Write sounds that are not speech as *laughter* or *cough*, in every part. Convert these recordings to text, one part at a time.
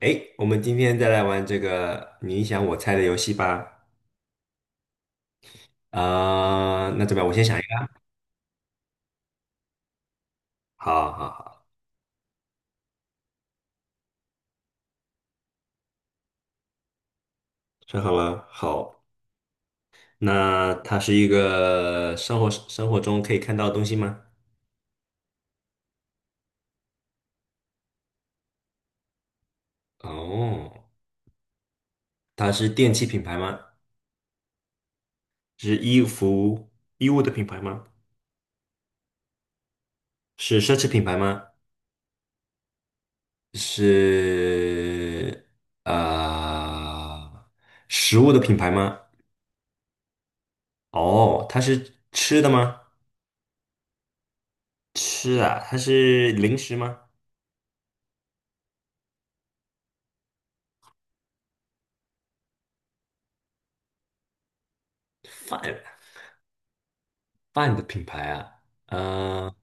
诶，我们今天再来玩这个你想我猜的游戏吧。那怎么样？我先想一个啊。好好好，说好了。好，那它是一个生活中可以看到的东西吗？哦，它是电器品牌吗？是衣服衣物的品牌吗？是奢侈品牌吗？是呃食物的品牌吗？哦，它是吃的吗？吃啊，它是零食吗？饭饭的品牌啊，呃，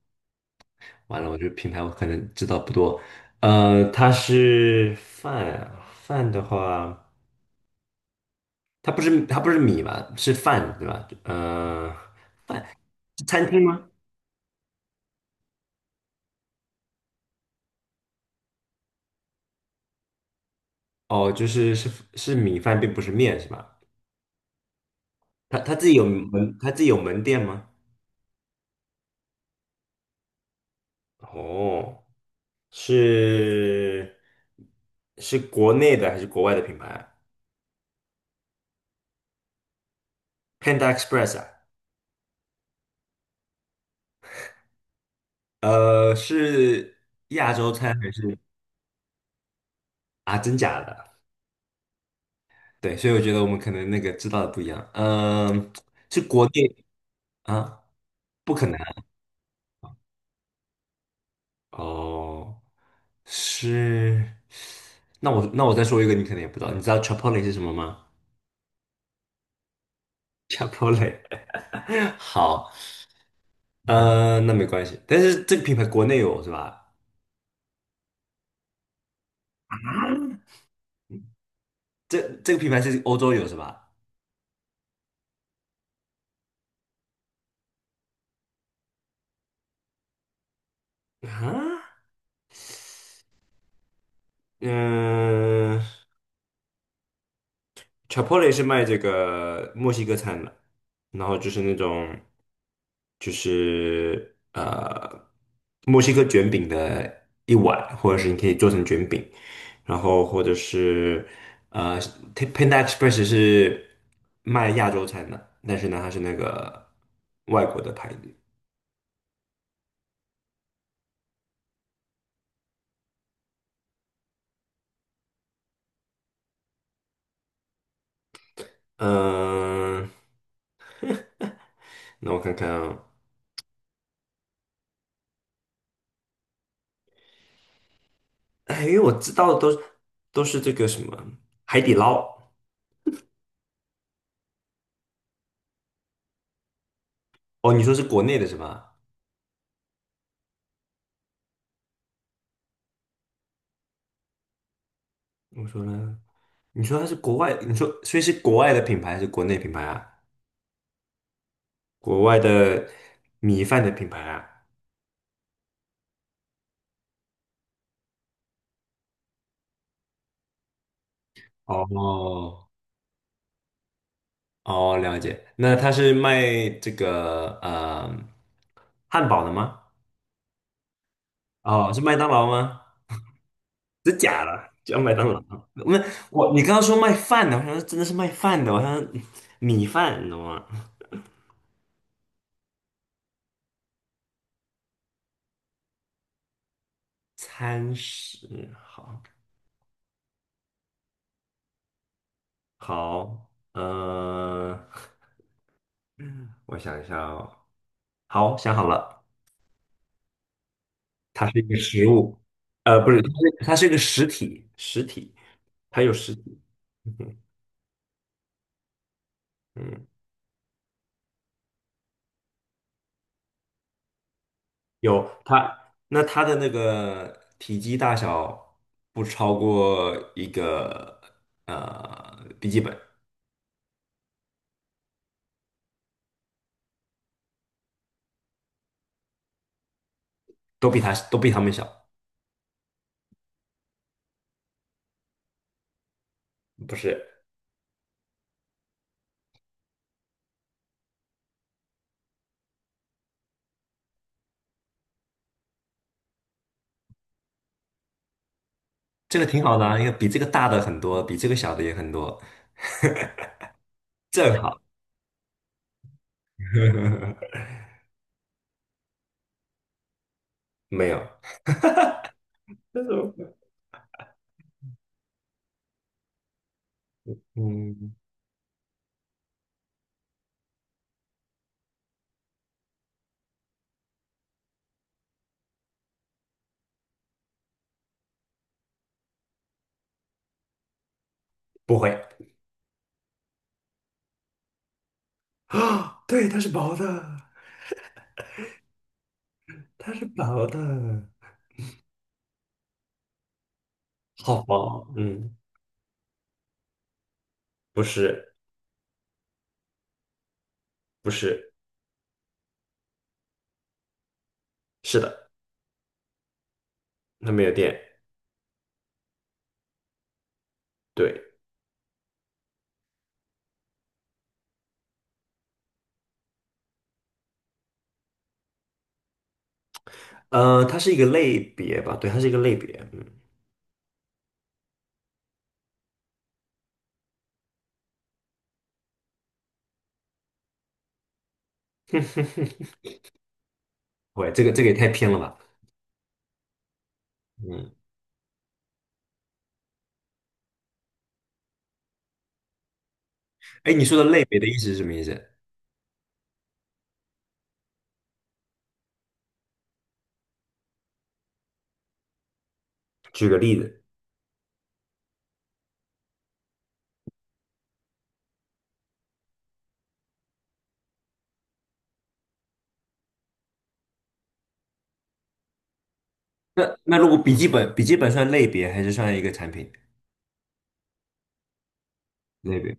完了，我这个品牌我可能知道不多。它是饭啊，饭的话，它不是米吧，是饭对吧？饭是餐厅吗？哦，就是是米饭，并不是面是吧？它自己有门，它自己有门店吗？哦，是是国内的还是国外的品牌？ p a n d a Express 啊？是亚洲餐还是？啊，真假的？对，所以我觉得我们可能那个知道的不一样。嗯，是国内啊，不可能。哦，是。那我再说一个，你可能也不知道。你知道 c h i p o l i 是什么吗？ c h i p o l i。 *laughs* 好，那没关系。但是这个品牌国内有是吧？这这个品牌是欧洲有是吧？啊，嗯、c h i p o l e 是卖这个墨西哥餐的，然后就是那种就是呃墨西哥卷饼的一碗，或者是你可以做成卷饼，然后或者是呃 Panda Express 是卖亚洲餐的，但是呢它是那个外国的牌子。嗯、那我看看啊。哎，因为我知道的都是这个什么海底捞。哦，你说是国内的是吧？我说呢。你说它是国外，你说所以是国外的品牌还是国内品牌啊？国外的米饭的品牌啊？哦，哦，了解。那它是卖这个汉堡的吗？哦，是麦当劳吗？叫麦当劳。那我你刚刚说卖饭的，我想说真的是卖饭的，我想说米饭，你懂吗？餐食，好。好，嗯，*laughs* 我想一下哦。好，想好了。它是一个实物。不是，它是一个实体，实体，它有实体。嗯。嗯，有它，那它的那个体积大小不超过一个笔记本。都比它们小。不是。这个挺好的啊，因为比这个大的很多，比这个小的也很多，正好。*laughs* 没有。这怎么会。嗯，不会啊，*gasps* 对，它是薄的，它是薄的。好薄，嗯。不是。不是。是的。它没有电。对。它是一个类别吧？对，它是一个类别。嗯。*laughs* 喂，这个这个也太偏了吧？嗯。哎，你说的类别的意思是什么意思？举个例子。那那如果笔记本算类别还是算一个产品？类别。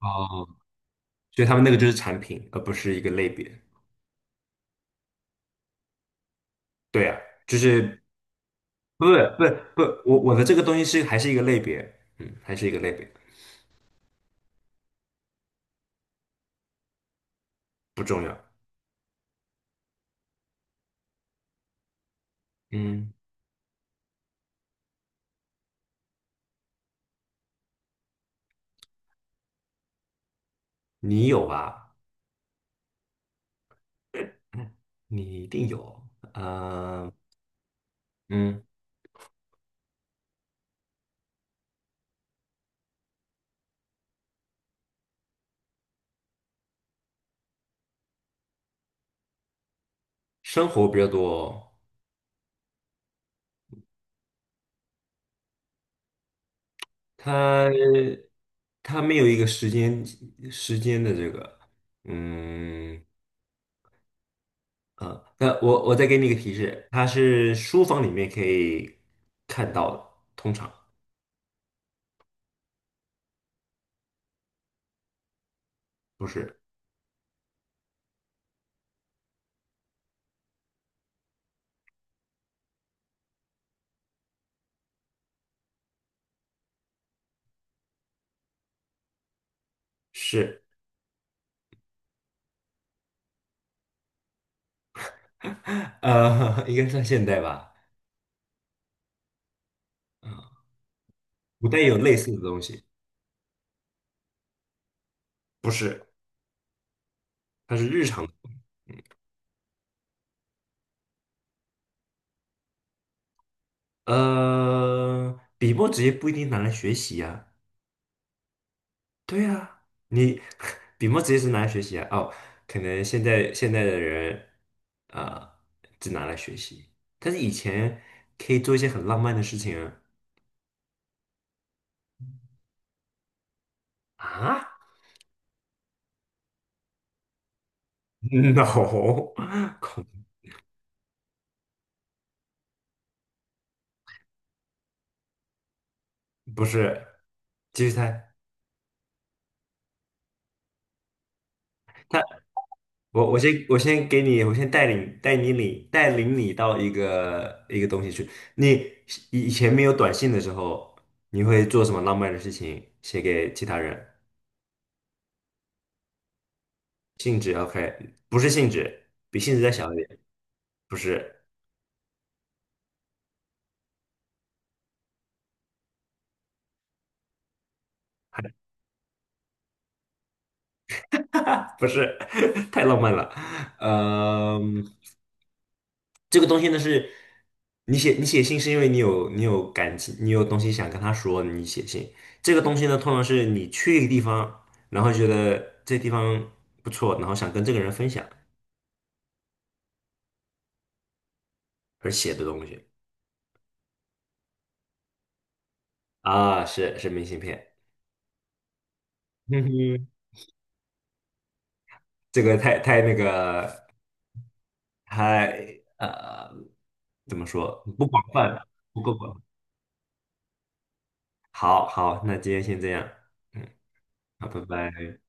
哦，所以他们那个就是产品，而不是一个类别。对啊，就是不是，我的这个东西是还是一个类别，嗯，还是一个类别。不重要。嗯，你有吧？你一定有，啊。嗯，生活比较多。他他没有一个时间的这个，嗯。那我再给你一个提示，它是书房里面可以看到的，通常。不是。是。*laughs* 应该算现代吧。古代有类似的东西。不是，它是日常的。笔墨纸也不一定拿来学习呀、对啊。你 *laughs* 笔墨直接是拿来学习啊？哦，可能现在的人啊、只拿来学习，但是以前可以做一些很浪漫的事情啊。啊 *laughs* No。恐，不是，继续猜。那我先给你，我先带领你到一个一个东西去。你以前没有短信的时候，你会做什么浪漫的事情写给其他人？性质 OK,不是性质，比性质再小一点。不是。*laughs* 不是，*laughs* 太浪漫了。嗯。这个东西呢是，你写信是因为你有感情，你有东西想跟他说，你写信。这个东西呢，通常是你去一个地方，然后觉得这地方不错，然后想跟这个人分享而写的东西。啊，是是明信片。嗯哼。这个太太那个。太呃，怎么说？不广泛，不够广。好好，那今天先这样，嗯。好，拜拜。